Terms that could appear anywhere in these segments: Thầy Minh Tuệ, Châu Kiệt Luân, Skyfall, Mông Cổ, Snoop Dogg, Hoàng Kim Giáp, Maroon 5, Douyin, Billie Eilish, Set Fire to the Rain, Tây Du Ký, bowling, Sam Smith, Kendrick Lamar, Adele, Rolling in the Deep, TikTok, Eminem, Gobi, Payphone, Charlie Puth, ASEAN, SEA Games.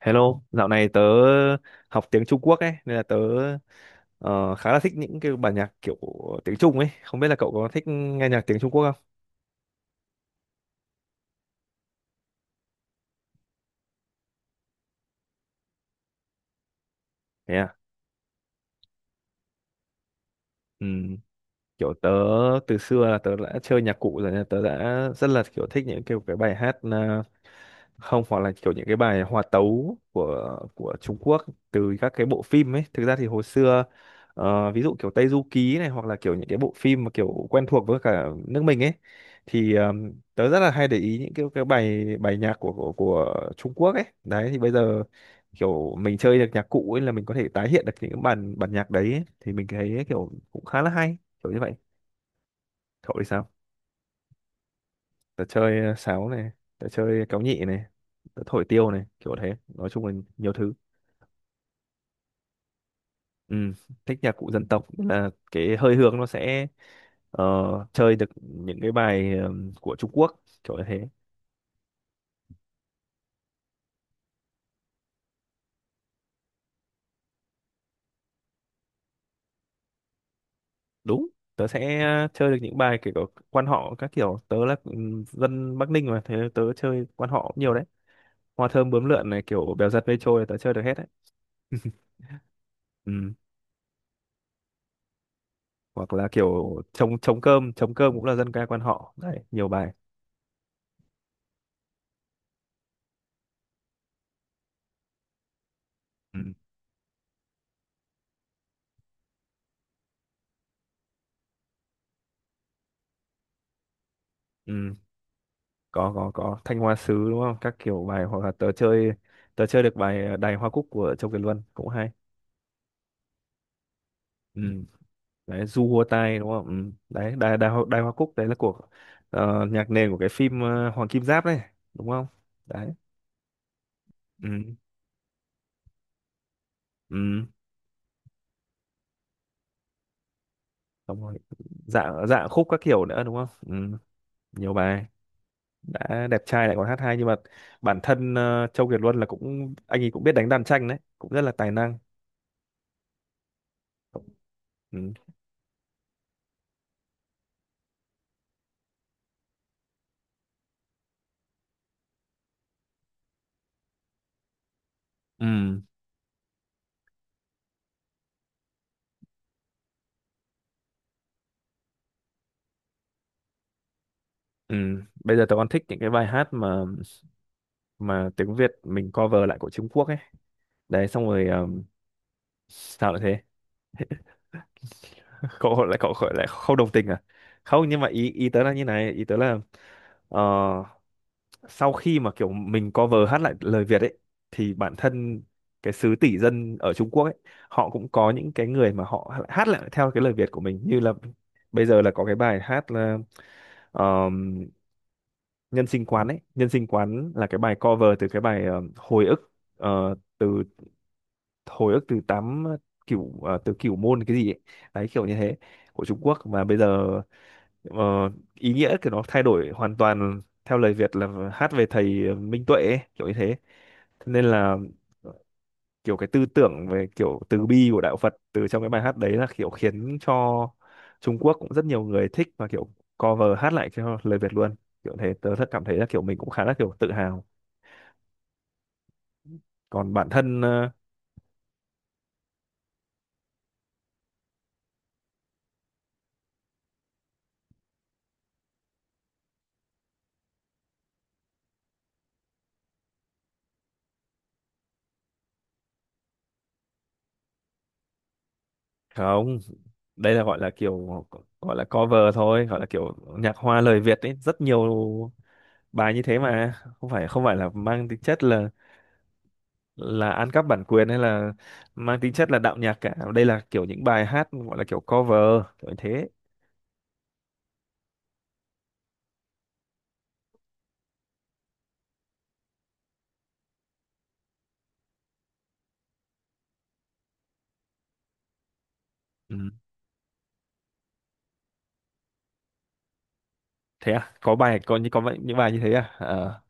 Hello, dạo này tớ học tiếng Trung Quốc ấy, nên là tớ ờ, khá là thích những cái bản nhạc kiểu tiếng Trung ấy. Không biết là cậu có thích nghe nhạc tiếng Trung Quốc không? Thế à? Ừ. Kiểu tớ từ xưa là tớ đã chơi nhạc cụ rồi nên tớ đã rất là kiểu thích những kiểu cái bài hát không, hoặc là kiểu những cái bài hòa tấu của Trung Quốc từ các cái bộ phim ấy. Thực ra thì hồi xưa, ví dụ kiểu Tây Du Ký này, hoặc là kiểu những cái bộ phim mà kiểu quen thuộc với cả nước mình ấy, thì tớ rất là hay để ý những cái bài bài nhạc của Trung Quốc ấy đấy. Thì bây giờ kiểu mình chơi được nhạc cụ ấy là mình có thể tái hiện được những cái bản bản nhạc đấy ấy. Thì mình thấy kiểu cũng khá là hay, kiểu như vậy. Cậu thì sao? Tớ chơi sáo này, tớ chơi kéo nhị này, tớ thổi tiêu này, kiểu thế, nói chung là nhiều thứ. Ừ, thích nhạc cụ dân tộc nên là cái hơi hướng nó sẽ ờ, chơi được những cái bài của Trung Quốc, kiểu như thế. Đúng, tớ sẽ chơi được những bài kiểu quan họ các kiểu. Tớ là, ừ, dân Bắc Ninh mà, thế tớ chơi quan họ cũng nhiều đấy. Hoa thơm bướm lượn này, kiểu bèo giật mây trôi, là tớ chơi được hết đấy. Ừ. Hoặc là kiểu trống trống cơm, trống cơm cũng là dân ca quan họ đấy, nhiều bài. Ừ. Ừ, có, Thanh Hoa Sứ đúng không? Các kiểu bài, hoặc là tớ chơi được bài Đài Hoa Cúc của Châu Kiệt Luân cũng hay. Ừ. Đấy, Du Hua Tai đúng không? Ừ. Đấy, Đài Đài Hoa, Đài Hoa Cúc đấy là của nhạc nền của cái phim Hoàng Kim Giáp đấy, đúng không? Đấy. Ừ. Ừ. Xong rồi. Dạ dạ khúc các kiểu nữa đúng không? Ừ. Nhiều bài đã đẹp trai lại còn hát hay, nhưng mà bản thân Châu Kiệt Luân là cũng, anh ấy cũng biết đánh đàn tranh đấy, cũng rất là tài năng. Ừ. Ừ. Ừ. Bây giờ tớ còn thích những cái bài hát mà tiếng Việt mình cover lại của Trung Quốc ấy. Đấy xong rồi, sao lại thế? Cậu lại không đồng tình à? Không, nhưng mà ý ý tớ là như này, ý tớ là ờ, sau khi mà kiểu mình cover hát lại lời Việt ấy thì bản thân cái xứ tỷ dân ở Trung Quốc ấy, họ cũng có những cái người mà họ hát lại theo cái lời Việt của mình. Như là bây giờ là có cái bài hát là Nhân Sinh Quán ấy. Nhân Sinh Quán là cái bài cover từ cái bài hồi ức, từ hồi ức từ tám, kiểu từ kiểu môn cái gì ấy, đấy kiểu như thế, của Trung Quốc. Mà bây giờ ờ, ý nghĩa của nó thay đổi hoàn toàn theo lời Việt là hát về thầy Minh Tuệ ấy, kiểu như thế. Thế nên là kiểu cái tư tưởng về kiểu từ bi của đạo Phật từ trong cái bài hát đấy là kiểu khiến cho Trung Quốc cũng rất nhiều người thích, và kiểu cover hát lại cho lời Việt luôn, kiểu thế. Tớ rất cảm thấy là kiểu mình cũng khá là kiểu tự hào. Còn bản thân không, đây là gọi là kiểu, gọi là cover thôi, gọi là kiểu nhạc hoa lời Việt ấy, rất nhiều bài như thế mà. Không phải là mang tính chất là ăn cắp bản quyền, hay là mang tính chất là đạo nhạc cả. Đây là kiểu những bài hát gọi là kiểu cover, kiểu như thế. Ừ. Thế à, có bài, có những có vậy- những bài như thế à? Ờ.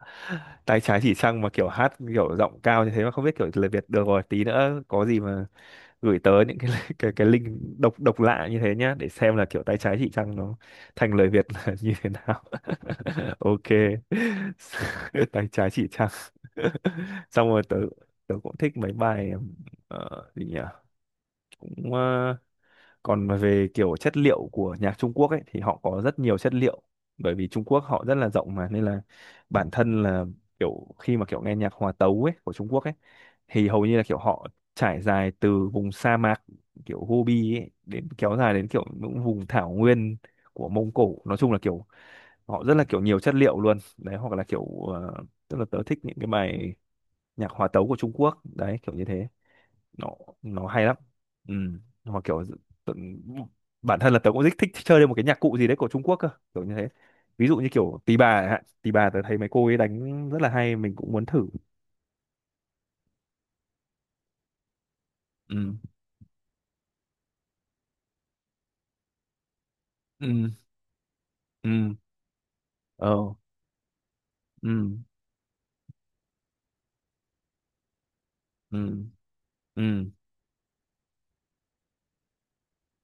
Tay trái chỉ trăng mà kiểu hát kiểu giọng cao như thế, mà không biết kiểu lời Việt. Được rồi, tí nữa có gì mà gửi tới những cái cái link độc, độc lạ như thế nhá, để xem là kiểu tay trái chỉ trăng nó thành lời Việt là như thế nào. Ok. Tay trái chỉ trăng. Xong rồi tớ tớ cũng thích mấy bài gì nhỉ, cũng còn về kiểu chất liệu của nhạc Trung Quốc ấy thì họ có rất nhiều chất liệu, bởi vì Trung Quốc họ rất là rộng mà, nên là bản thân là kiểu khi mà kiểu nghe nhạc hòa tấu ấy của Trung Quốc ấy thì hầu như là kiểu họ trải dài từ vùng sa mạc kiểu Gobi ấy, đến kéo dài đến kiểu những vùng thảo nguyên của Mông Cổ. Nói chung là kiểu họ rất là kiểu nhiều chất liệu luôn đấy. Hoặc là kiểu ờ, tức là tớ thích những cái bài nhạc hòa tấu của Trung Quốc đấy, kiểu như thế. nó nó hay lắm. Ừ. Mà kiểu tự- bản thân là tớ cũng rất thích chơi lên một cái nhạc cụ gì đấy của Trung Quốc cơ, kiểu như thế. Ví dụ như kiểu tỳ bà chẳng hạn, tỳ bà tớ thấy mấy cô ấy đánh rất là hay, mình cũng muốn thử. Ừ. Ừ. Ừ. ờ ừ. Ừ. Ừ.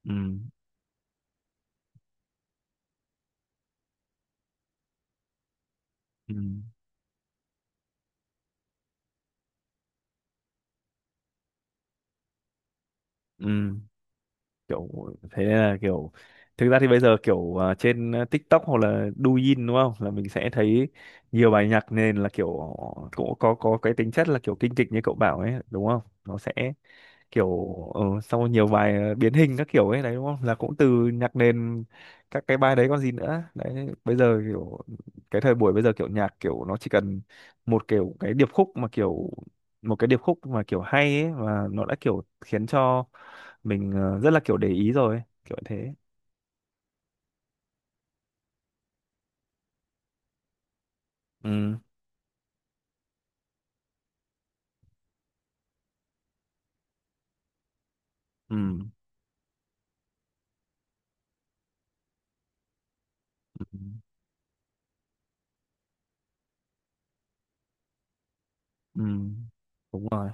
Ừ. Ừ. Ừ. Kiểu thế nên là kiểu thực ra thì bây giờ kiểu trên TikTok hoặc là Douyin đúng không, là mình sẽ thấy nhiều bài nhạc nền là kiểu cũng có cái tính chất là kiểu kinh kịch như cậu bảo ấy đúng không, nó sẽ kiểu sau nhiều bài biến hình các kiểu ấy đấy đúng không, là cũng từ nhạc nền các cái bài đấy. Còn gì nữa đấy, bây giờ kiểu cái thời buổi bây giờ kiểu nhạc kiểu nó chỉ cần một kiểu cái điệp khúc mà kiểu một cái điệp khúc mà kiểu hay ấy, và nó đã kiểu khiến cho mình rất là kiểu để ý rồi ấy, kiểu thế. Ừ. Ừ. Ừ. Ừ. Đúng rồi.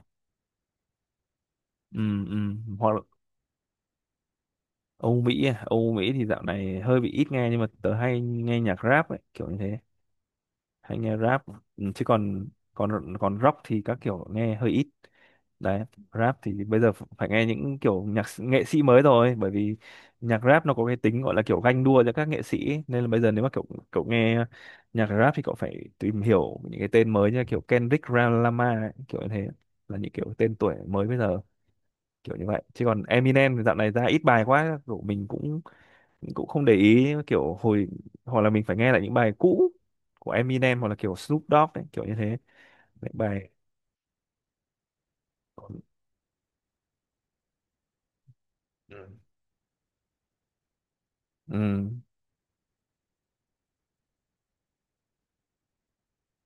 Ừ. Ừ. Hoặc là Âu Mỹ à? Âu Mỹ thì dạo này hơi bị ít nghe, nhưng mà tớ hay nghe nhạc rap ấy, kiểu như thế. Hay nghe rap. Ừ, chứ còn còn còn rock thì các kiểu nghe hơi ít. Đấy, rap thì bây giờ phải nghe những kiểu nghệ sĩ mới rồi, bởi vì nhạc rap nó có cái tính gọi là kiểu ganh đua giữa các nghệ sĩ ấy, nên là bây giờ nếu mà kiểu cậu nghe nhạc rap thì cậu phải tìm hiểu những cái tên mới như là kiểu Kendrick Lamar ấy, kiểu như thế. Là những kiểu tên tuổi mới bây giờ, kiểu như vậy. Chứ còn Eminem thì dạo này ra ít bài quá, kiểu mình cũng cũng không để ý kiểu hồi, hoặc là mình phải nghe lại những bài cũ của Eminem, hoặc là kiểu Snoop Dogg ấy, kiểu như thế. Những bài. Ừ. Ừ.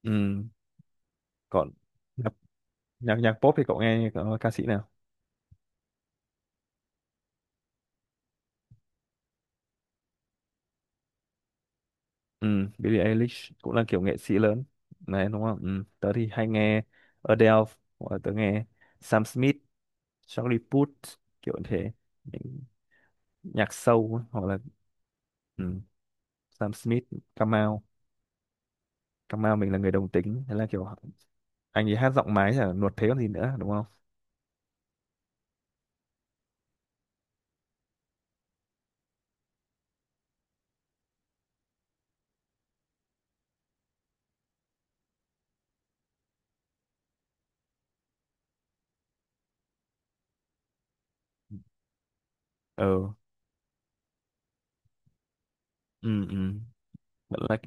Ừ. Còn nhạc nhạc, nhạc pop thì cậu nghe có ca sĩ nào? Ừ, Billie Eilish cũng là kiểu nghệ sĩ lớn này đúng không. Ừ. Tớ thì hay nghe Adele, hoặc là tớ nghe Sam Smith, Charlie Puth, kiểu như thế, những nhạc sâu ấy, hoặc là. Ừ. Sam Smith, Kamau, Kamau mình là người đồng tính, thế là kiểu anh ấy hát giọng mái là nuột, thế còn gì nữa đúng không. Ừ. Ừ. Ừ. Vẫn là.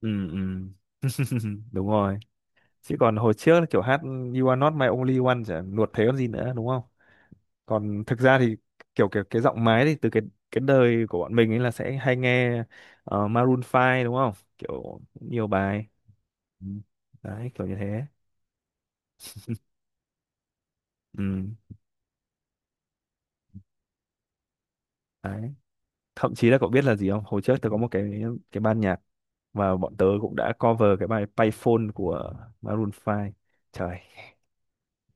Ừ. Ừ. Đúng rồi. Chứ còn hồi trước kiểu hát "You are not my only one" chả nuột thế còn gì nữa đúng không. Còn thực ra thì kiểu kiểu cái giọng máy thì từ cái đời của bọn mình ấy là sẽ hay nghe Maroon 5 đúng không, kiểu nhiều bài. Ừ. Đấy kiểu như thế. Ừ. Đấy, thậm chí là cậu biết là gì không, hồi trước tớ có một cái ban nhạc, và bọn tớ cũng đã cover cái bài Payphone của Maroon 5, trời,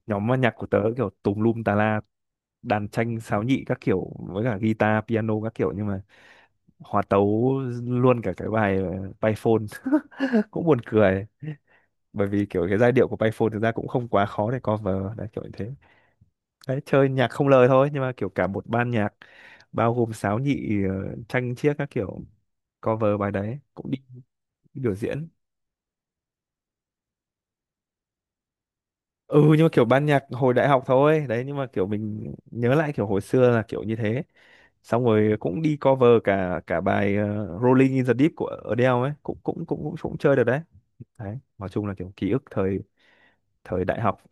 nhóm âm nhạc của tớ kiểu tùm lum tà la, đàn tranh, sáo, nhị các kiểu, với cả guitar, piano các kiểu, nhưng mà hòa tấu luôn cả cái bài Python, cũng buồn cười, bởi vì kiểu cái giai điệu của Payphone thực ra cũng không quá khó để cover đấy, kiểu như thế. Đấy, chơi nhạc không lời thôi nhưng mà kiểu cả một ban nhạc bao gồm sáo, nhị, tranh chiếc các kiểu, cover bài đấy cũng đi biểu diễn. Ừ, nhưng mà kiểu ban nhạc hồi đại học thôi đấy, nhưng mà kiểu mình nhớ lại kiểu hồi xưa là kiểu như thế. Xong rồi cũng đi cover cả cả bài Rolling in the Deep của Adele ấy, cũng cũng cũng cũng, cũng chơi được đấy. Đấy nói chung là kiểu ký ức thời thời đại học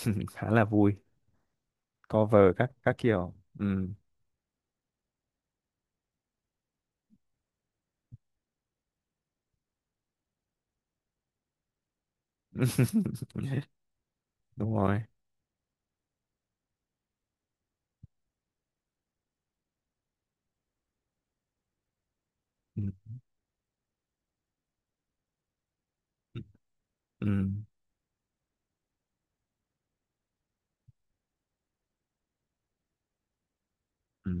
khá là vui, cover các kiểu. Ừ. Đúng rồi. Ừ. Ừ. Ừ.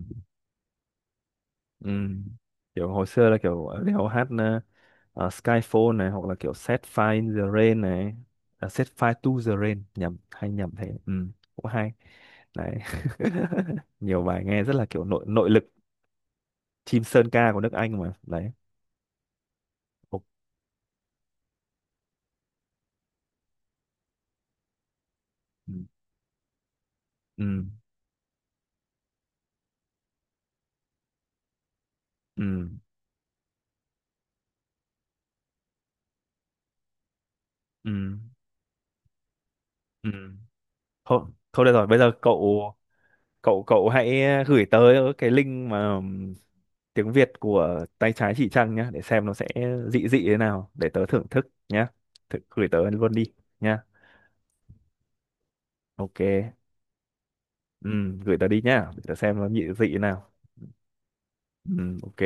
Ừ. Kiểu hồi xưa là kiểu ở đèo hát Skyfall này, hoặc là kiểu Set Fire in the Rain này, Set Fire to the Rain, nhầm hay nhầm thế. Ừ, cũng hay đấy. Nhiều bài nghe rất là kiểu nội nội lực, chim sơn ca của nước Anh mà đấy. Ồ. Ừ. Ừ. Ừ. Ừ. Ừ. Thôi, thôi được rồi, bây giờ cậu cậu cậu hãy gửi tới cái link mà tiếng Việt của tay trái chỉ trăng nhá, để xem nó sẽ dị dị thế nào để tớ thưởng thức nhá. Thử, gửi tớ luôn đi nhá. Ok. Gửi tớ đi nhá để tớ xem nó dị dị thế nào. Ok.